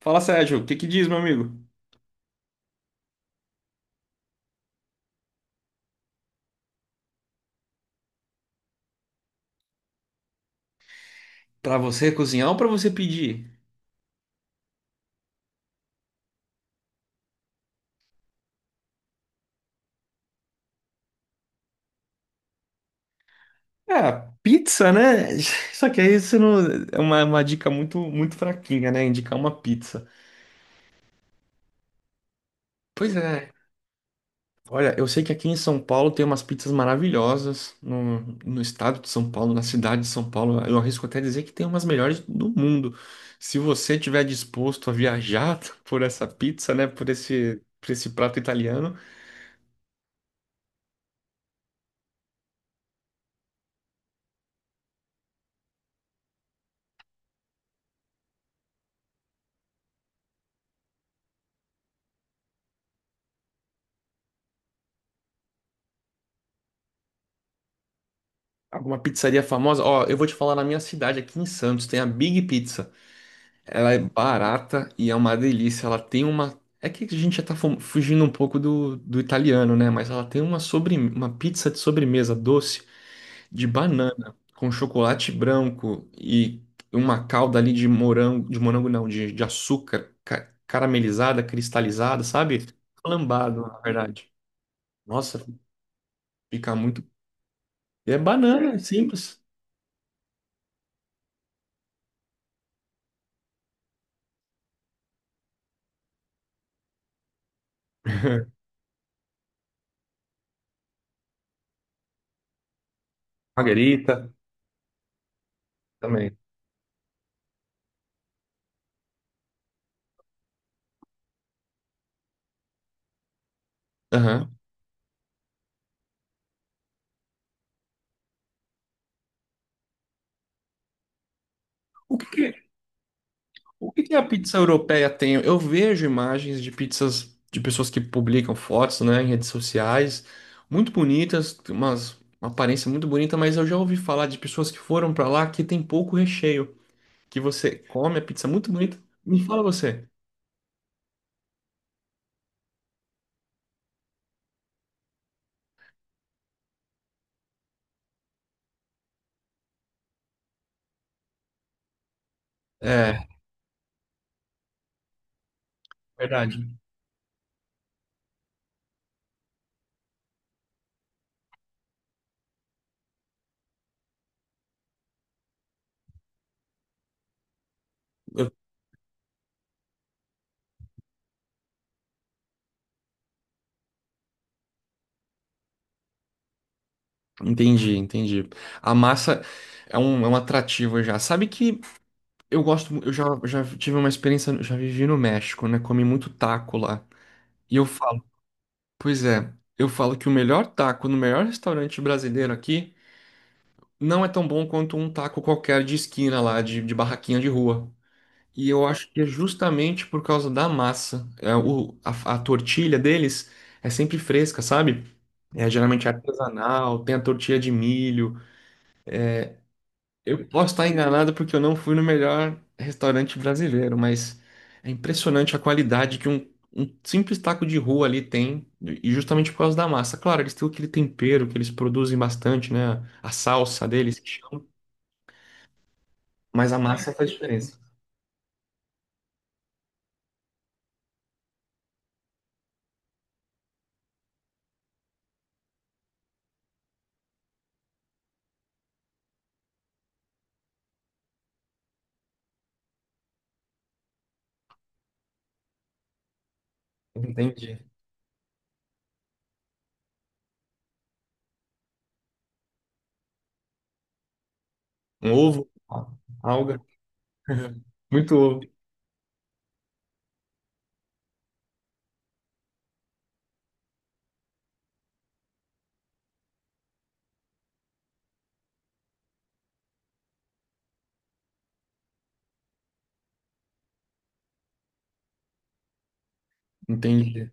Fala, Sérgio, o que diz, meu amigo? Pra você cozinhar ou pra você pedir? É pizza, né? Só que aí isso não... é uma dica muito fraquinha, né? Indicar uma pizza. Pois é. Olha, eu sei que aqui em São Paulo tem umas pizzas maravilhosas. No, no estado de São Paulo, na cidade de São Paulo, eu arrisco até dizer que tem umas melhores do mundo. Se você tiver disposto a viajar por essa pizza, né? Por esse prato italiano, alguma pizzaria famosa. Ó, eu vou te falar na minha cidade, aqui em Santos, tem a Big Pizza. Ela é barata e é uma delícia. Ela tem uma. É que a gente já tá fugindo um pouco do italiano, né? Mas ela tem uma, sobre... uma pizza de sobremesa doce de banana com chocolate branco e uma calda ali de morango. De morango não, de açúcar caramelizada, cristalizada, sabe? Flambado, na verdade. Nossa, fica muito. E é banana, é simples. Margarita também. Aham. O que que O que que a pizza europeia tem? Eu vejo imagens de pizzas de pessoas que publicam fotos, né, em redes sociais, muito bonitas, tem umas, uma aparência muito bonita, mas eu já ouvi falar de pessoas que foram para lá que tem pouco recheio, que você come a pizza muito bonita. Me fala você. É, verdade. Eu entendi. A massa é um atrativo já. Sabe que eu gosto, eu já tive uma experiência, já vivi no México, né? Comi muito taco lá. E eu pois é, eu falo que o melhor taco no melhor restaurante brasileiro aqui não é tão bom quanto um taco qualquer de esquina lá, de barraquinha de rua. E eu acho que é justamente por causa da massa. É, a tortilha deles é sempre fresca, sabe? É geralmente artesanal, tem a tortilha de milho. Eu posso estar enganado porque eu não fui no melhor restaurante brasileiro, mas é impressionante a qualidade que um simples taco de rua ali tem, e justamente por causa da massa. Claro, eles têm aquele tempero que eles produzem bastante, né? A salsa deles, que chamam, mas a massa faz diferença. Entendi. Um ovo, alga, muito ovo. Entendi.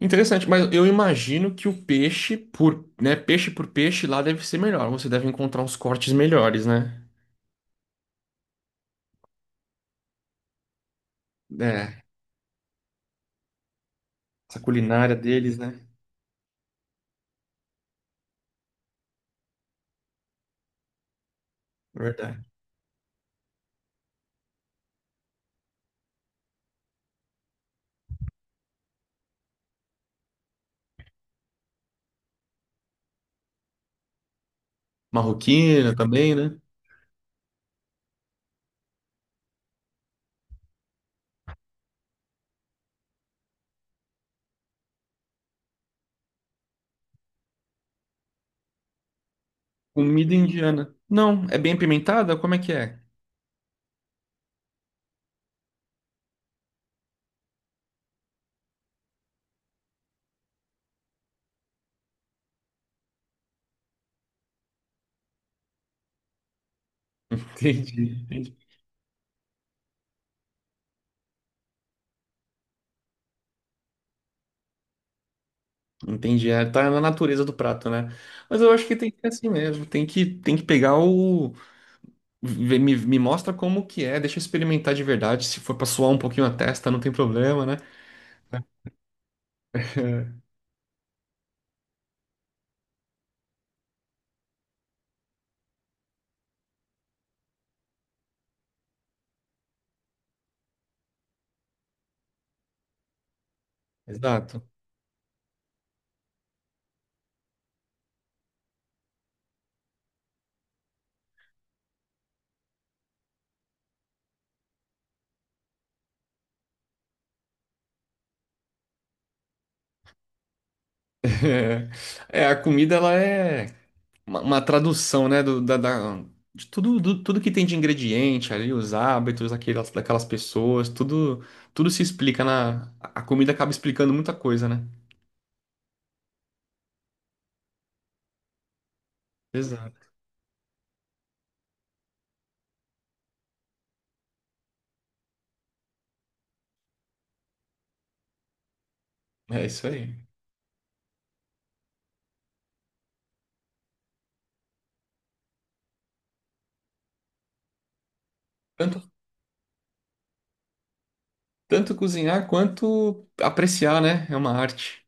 Interessante, mas eu imagino que o peixe por, né, peixe por peixe lá deve ser melhor. Você deve encontrar uns cortes melhores, né? É. Essa culinária deles, né? Verdade. Marroquina também, né? Comida indiana. Não, é bem apimentada? Como é que é? Entendi. Entendi, é, tá na natureza do prato, né? Mas eu acho que tem que ser assim mesmo, tem que pegar o... Me mostra como que é, deixa eu experimentar de verdade, se for pra suar um pouquinho a testa, não tem problema, né? Exato. É, a comida, ela é... uma tradução, né, de tudo, tudo que tem de ingrediente ali, os hábitos daquelas pessoas, tudo, tudo se explica na, a comida acaba explicando muita coisa, né? Exato. É isso aí. Tanto, tanto cozinhar quanto apreciar, né? É uma arte.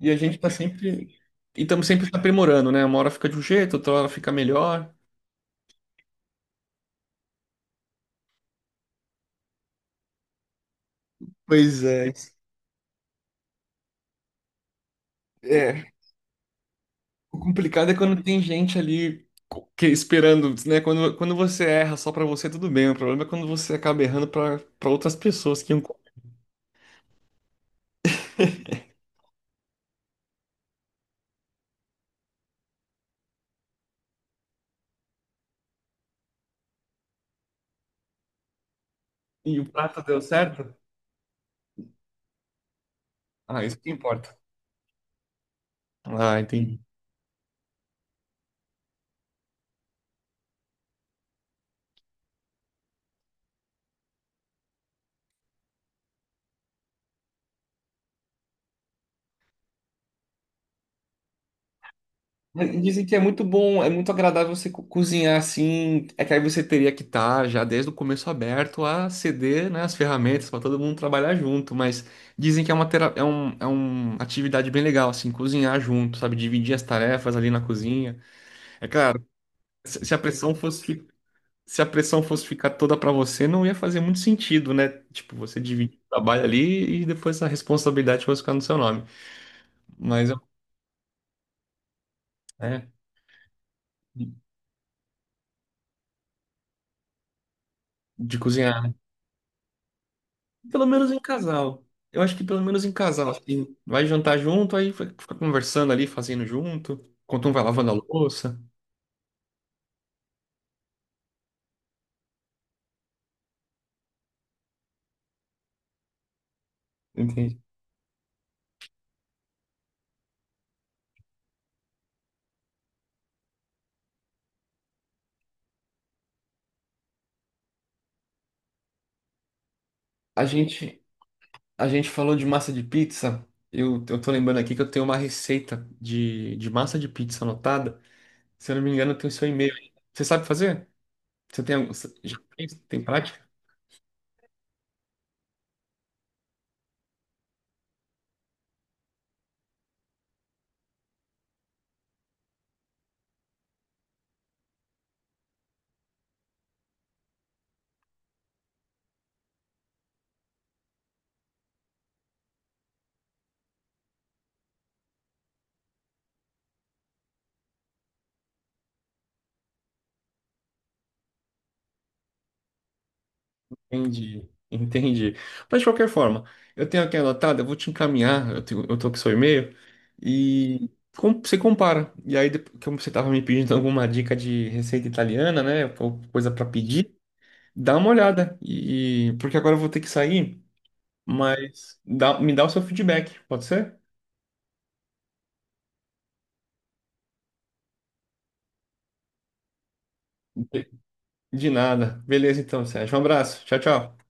E a gente tá sempre, e estamos sempre se aprimorando, né? Uma hora fica de um jeito, outra hora fica melhor. Pois é. É. O complicado é quando tem gente ali que esperando, né? Quando você erra só pra você, tudo bem. O problema é quando você acaba errando pra para outras pessoas que iam e o prato deu certo. Ah, isso que importa. Ah, entendi. Mas dizem que é muito bom, é muito agradável você cozinhar assim. É que aí você teria que estar já desde o começo aberto a ceder, né, as ferramentas pra todo mundo trabalhar junto. Mas dizem que é uma, é uma atividade bem legal, assim, cozinhar junto, sabe? Dividir as tarefas ali na cozinha. É claro. Se se a pressão fosse, fi- Se a pressão fosse ficar toda para você, não ia fazer muito sentido, né? Tipo, você dividir o trabalho ali e depois a responsabilidade fosse ficar no seu nome. Mas, é, de de cozinhar, né? Pelo menos em casal. Eu acho que pelo menos em casal, assim, vai jantar junto, aí fica conversando ali, fazendo junto, enquanto um vai lavando a louça. Entende? A gente, a gente falou de massa de pizza. Eu tô lembrando aqui que eu tenho uma receita de massa de pizza anotada. Se eu não me engano, tem o seu e-mail. Aí. Você sabe fazer? Você tem, você já fez? Tem prática? Entendi. Mas de qualquer forma, eu tenho aqui anotado, eu vou te encaminhar, eu tô com o seu e-mail, e você compara. E aí, depois, como você tava me pedindo alguma dica de receita italiana, né? Ou coisa para pedir, dá uma olhada. E, porque agora eu vou ter que sair, mas me dá o seu feedback, pode ser? De de nada. Beleza, então, Sérgio. Um abraço. Tchau, tchau.